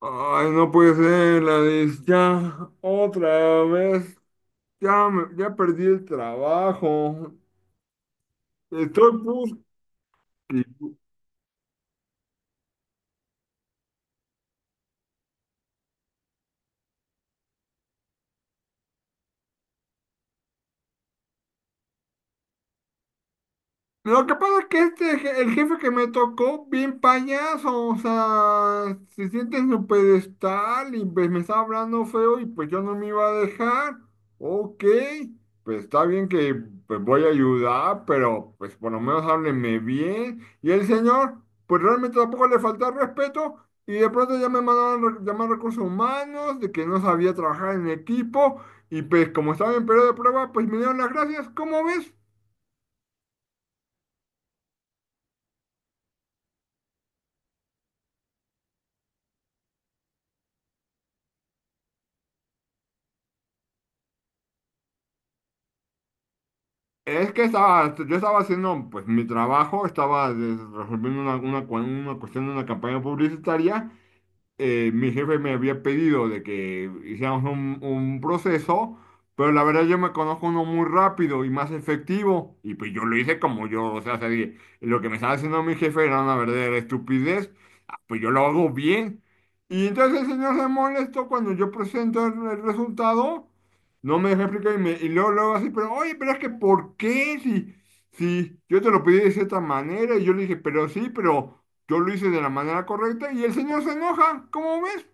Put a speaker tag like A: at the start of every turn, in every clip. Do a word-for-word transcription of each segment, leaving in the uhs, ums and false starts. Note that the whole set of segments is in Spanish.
A: Ay, no puede ser, Gladys. Ya, otra vez. Ya, me- ya perdí el trabajo. Estoy buscando. Lo que pasa es que este, el jefe que me tocó, bien payaso, o sea, se siente en su pedestal y pues me estaba hablando feo y pues yo no me iba a dejar. Ok, pues está bien que pues voy a ayudar, pero pues por lo menos hábleme bien. Y el señor, pues realmente tampoco le falta respeto y de pronto ya me mandaron re- llamar a recursos humanos de que no sabía trabajar en equipo y pues como estaba en periodo de prueba, pues me dieron las gracias. ¿Cómo ves? Es que estaba, yo estaba haciendo pues mi trabajo, estaba des- resolviendo una, una cua- una cuestión de una campaña publicitaria. Eh, mi jefe me había pedido de que hiciéramos un, un proceso, pero la verdad yo me conozco uno muy rápido y más efectivo. Y pues yo lo hice como yo, o sea, sabía- lo que me estaba haciendo mi jefe era una verdadera estupidez, pues yo lo hago bien. Y entonces el señor se molestó cuando yo presento el, el resultado, no me deja explicar y, me, y luego, luego así, pero oye, pero es que ¿por qué? Si, si yo te lo pedí de cierta manera y yo le dije, pero sí, pero yo lo hice de la manera correcta y el señor se enoja, ¿cómo ves?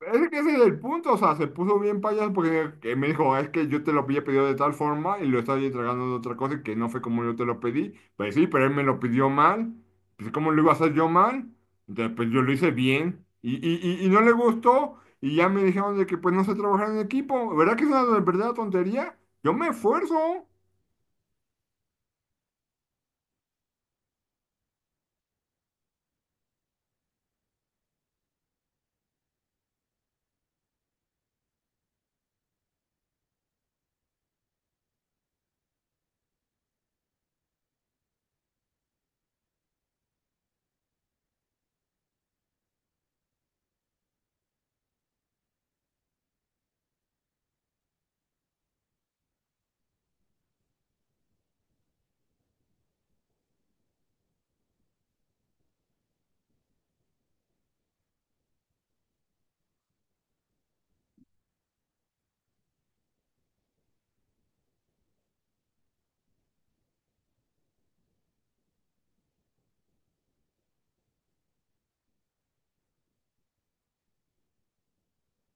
A: Es que ese es el punto, o sea, se puso bien payaso porque que me dijo, es que yo te lo había pedido de tal forma y lo estaba entregando de otra cosa y que no fue como yo te lo pedí. Pues sí, pero él me lo pidió mal. Pues ¿cómo lo iba a hacer yo mal? Entonces, pues yo lo hice bien y, y, y, y no le gustó y ya me dijeron de que pues no sé trabajar en equipo. ¿Verdad que es una verdadera tontería? Yo me esfuerzo.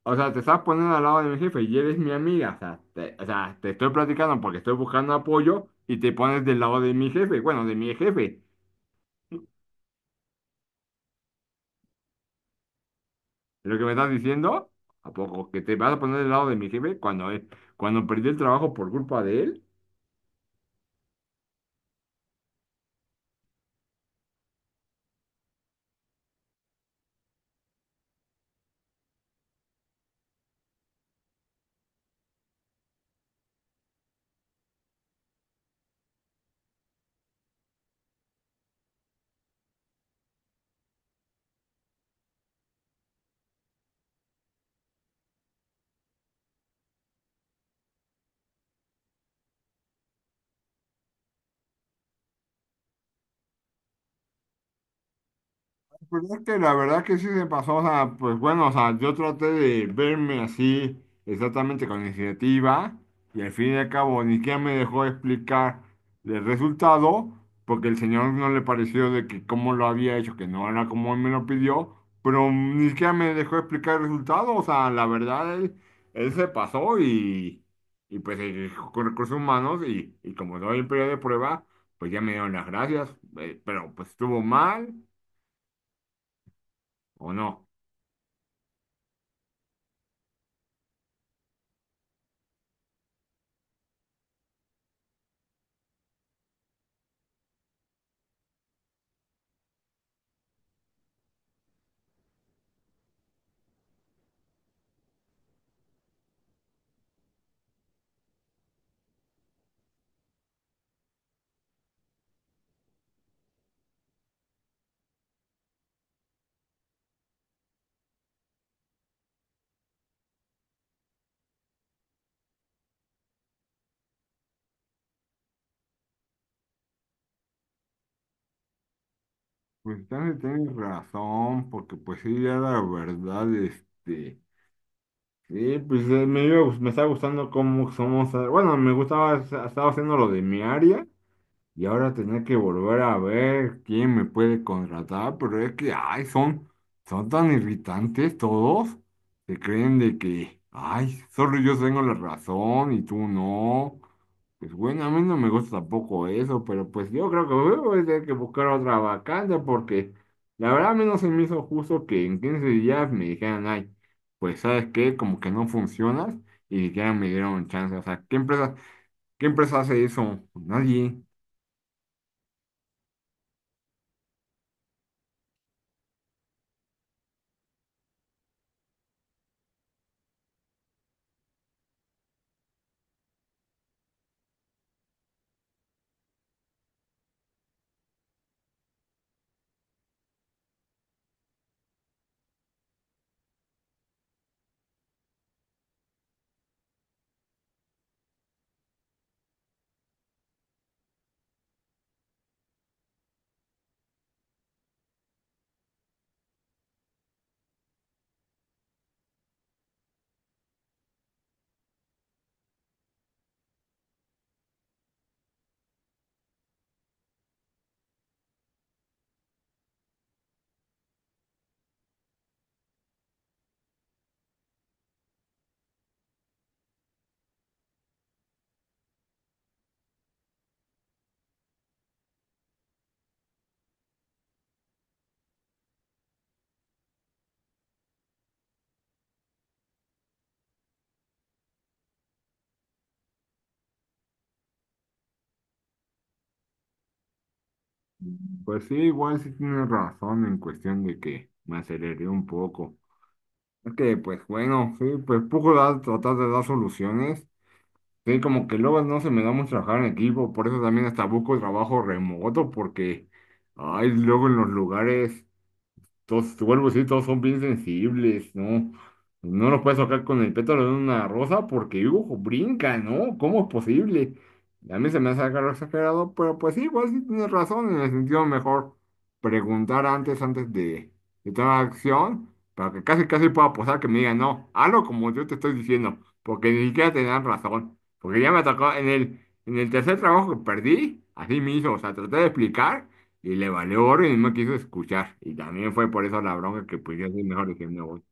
A: O sea, te estás poniendo al lado de mi jefe y eres mi amiga. O sea, te, o sea, te estoy platicando porque estoy buscando apoyo y te pones del lado de mi jefe, bueno, de mi jefe. ¿Es lo que me estás diciendo? ¿A poco? ¿Que te vas a poner del lado de mi jefe cuando, eh, cuando perdí el trabajo por culpa de él? Pues es que la verdad que sí se pasó, o sea, pues bueno, o sea, yo traté de verme así exactamente con iniciativa y al fin y al cabo ni siquiera me dejó explicar el resultado porque el señor no le pareció de que cómo lo había hecho, que no era como él me lo pidió, pero ni siquiera me dejó explicar el resultado, o sea, la verdad él, él se pasó y, y pues eh, con recursos humanos y, y como no hay periodo de prueba, pues ya me dieron las gracias, eh, pero pues estuvo mal o no. Pues también tienes razón, porque pues sí, ya la verdad, este, sí, pues eh, me, iba, me estaba gustando cómo somos, eh, bueno, me gustaba, estaba haciendo lo de mi área, y ahora tener que volver a ver quién me puede contratar, pero es que, ay, son, son tan irritantes todos. Se creen de que, ay, solo yo tengo la razón y tú no. Pues bueno, a mí no me gusta tampoco eso, pero pues yo creo que voy a tener que buscar otra vacante porque la verdad a mí no se me hizo justo que en quince días me dijeran, ay, pues sabes qué, como que no funcionas y ni siquiera me dieron chance. O sea, ¿qué empresa, qué empresa hace eso? Nadie. Pues sí, igual sí tienes razón en cuestión de que me aceleré un poco. Es que, pues bueno, sí, pues poco da tratar de dar soluciones. Sí, como que luego no se me da mucho trabajar en equipo, por eso también hasta busco trabajo remoto, porque, ay, luego en los lugares todos, te vuelvo a decir, todos son bien sensibles, ¿no? No lo puedes tocar con el pétalo de una rosa porque, ojo, brinca, ¿no? ¿Cómo es posible? A mí se me hace algo exagerado, pero pues sí, igual sí tienes razón, en el sentido mejor preguntar antes, antes de, de tomar acción, para que casi, casi pueda posar que me digan, no, hazlo como yo te estoy diciendo, porque ni siquiera te dan razón, porque ya me tocó en el, en el tercer trabajo que perdí, así mismo, o sea, traté de explicar. Y le valió gorro y no quiso escuchar. Y también fue por eso la bronca que pues yo soy mejor dije, no voy.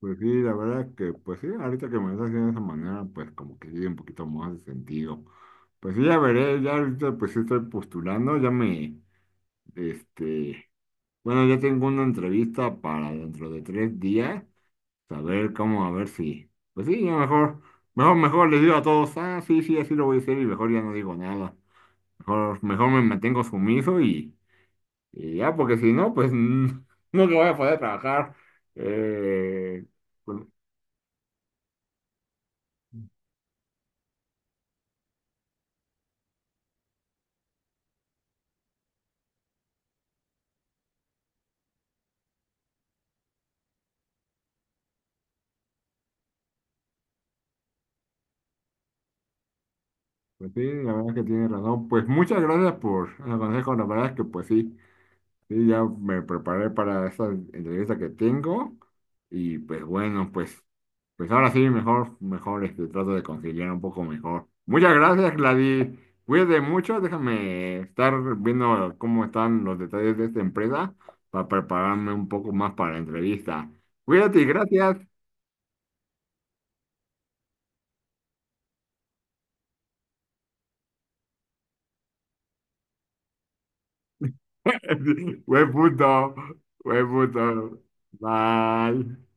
A: Pues sí, la verdad que, pues sí, ahorita que me lo estás haciendo de esa manera, pues como que sí, un poquito más de sentido. Pues sí, ya veré, ya ahorita pues sí estoy postulando, ya me, este, bueno, ya tengo una entrevista para dentro de tres días, saber cómo, a ver si, pues sí, ya mejor, mejor, mejor les digo a todos, ah, sí, sí, así lo voy a hacer y mejor ya no digo nada. Mejor, mejor me mantengo sumiso y... Y ya, porque si no, pues n- no que voy a poder trabajar. Eh, pues, pues sí, la verdad que tiene razón. Pues muchas gracias por el consejo. La verdad es que pues sí, sí, ya me preparé para esa entrevista que tengo. Y pues bueno, pues, pues ahora sí, mejor, mejor este, trato de conciliar un poco mejor. Muchas gracias, Gladys. Cuídate mucho. Déjame estar viendo cómo están los detalles de esta empresa para prepararme un poco más para la entrevista. Cuídate y gracias. Buen punto, buen punto. Mal.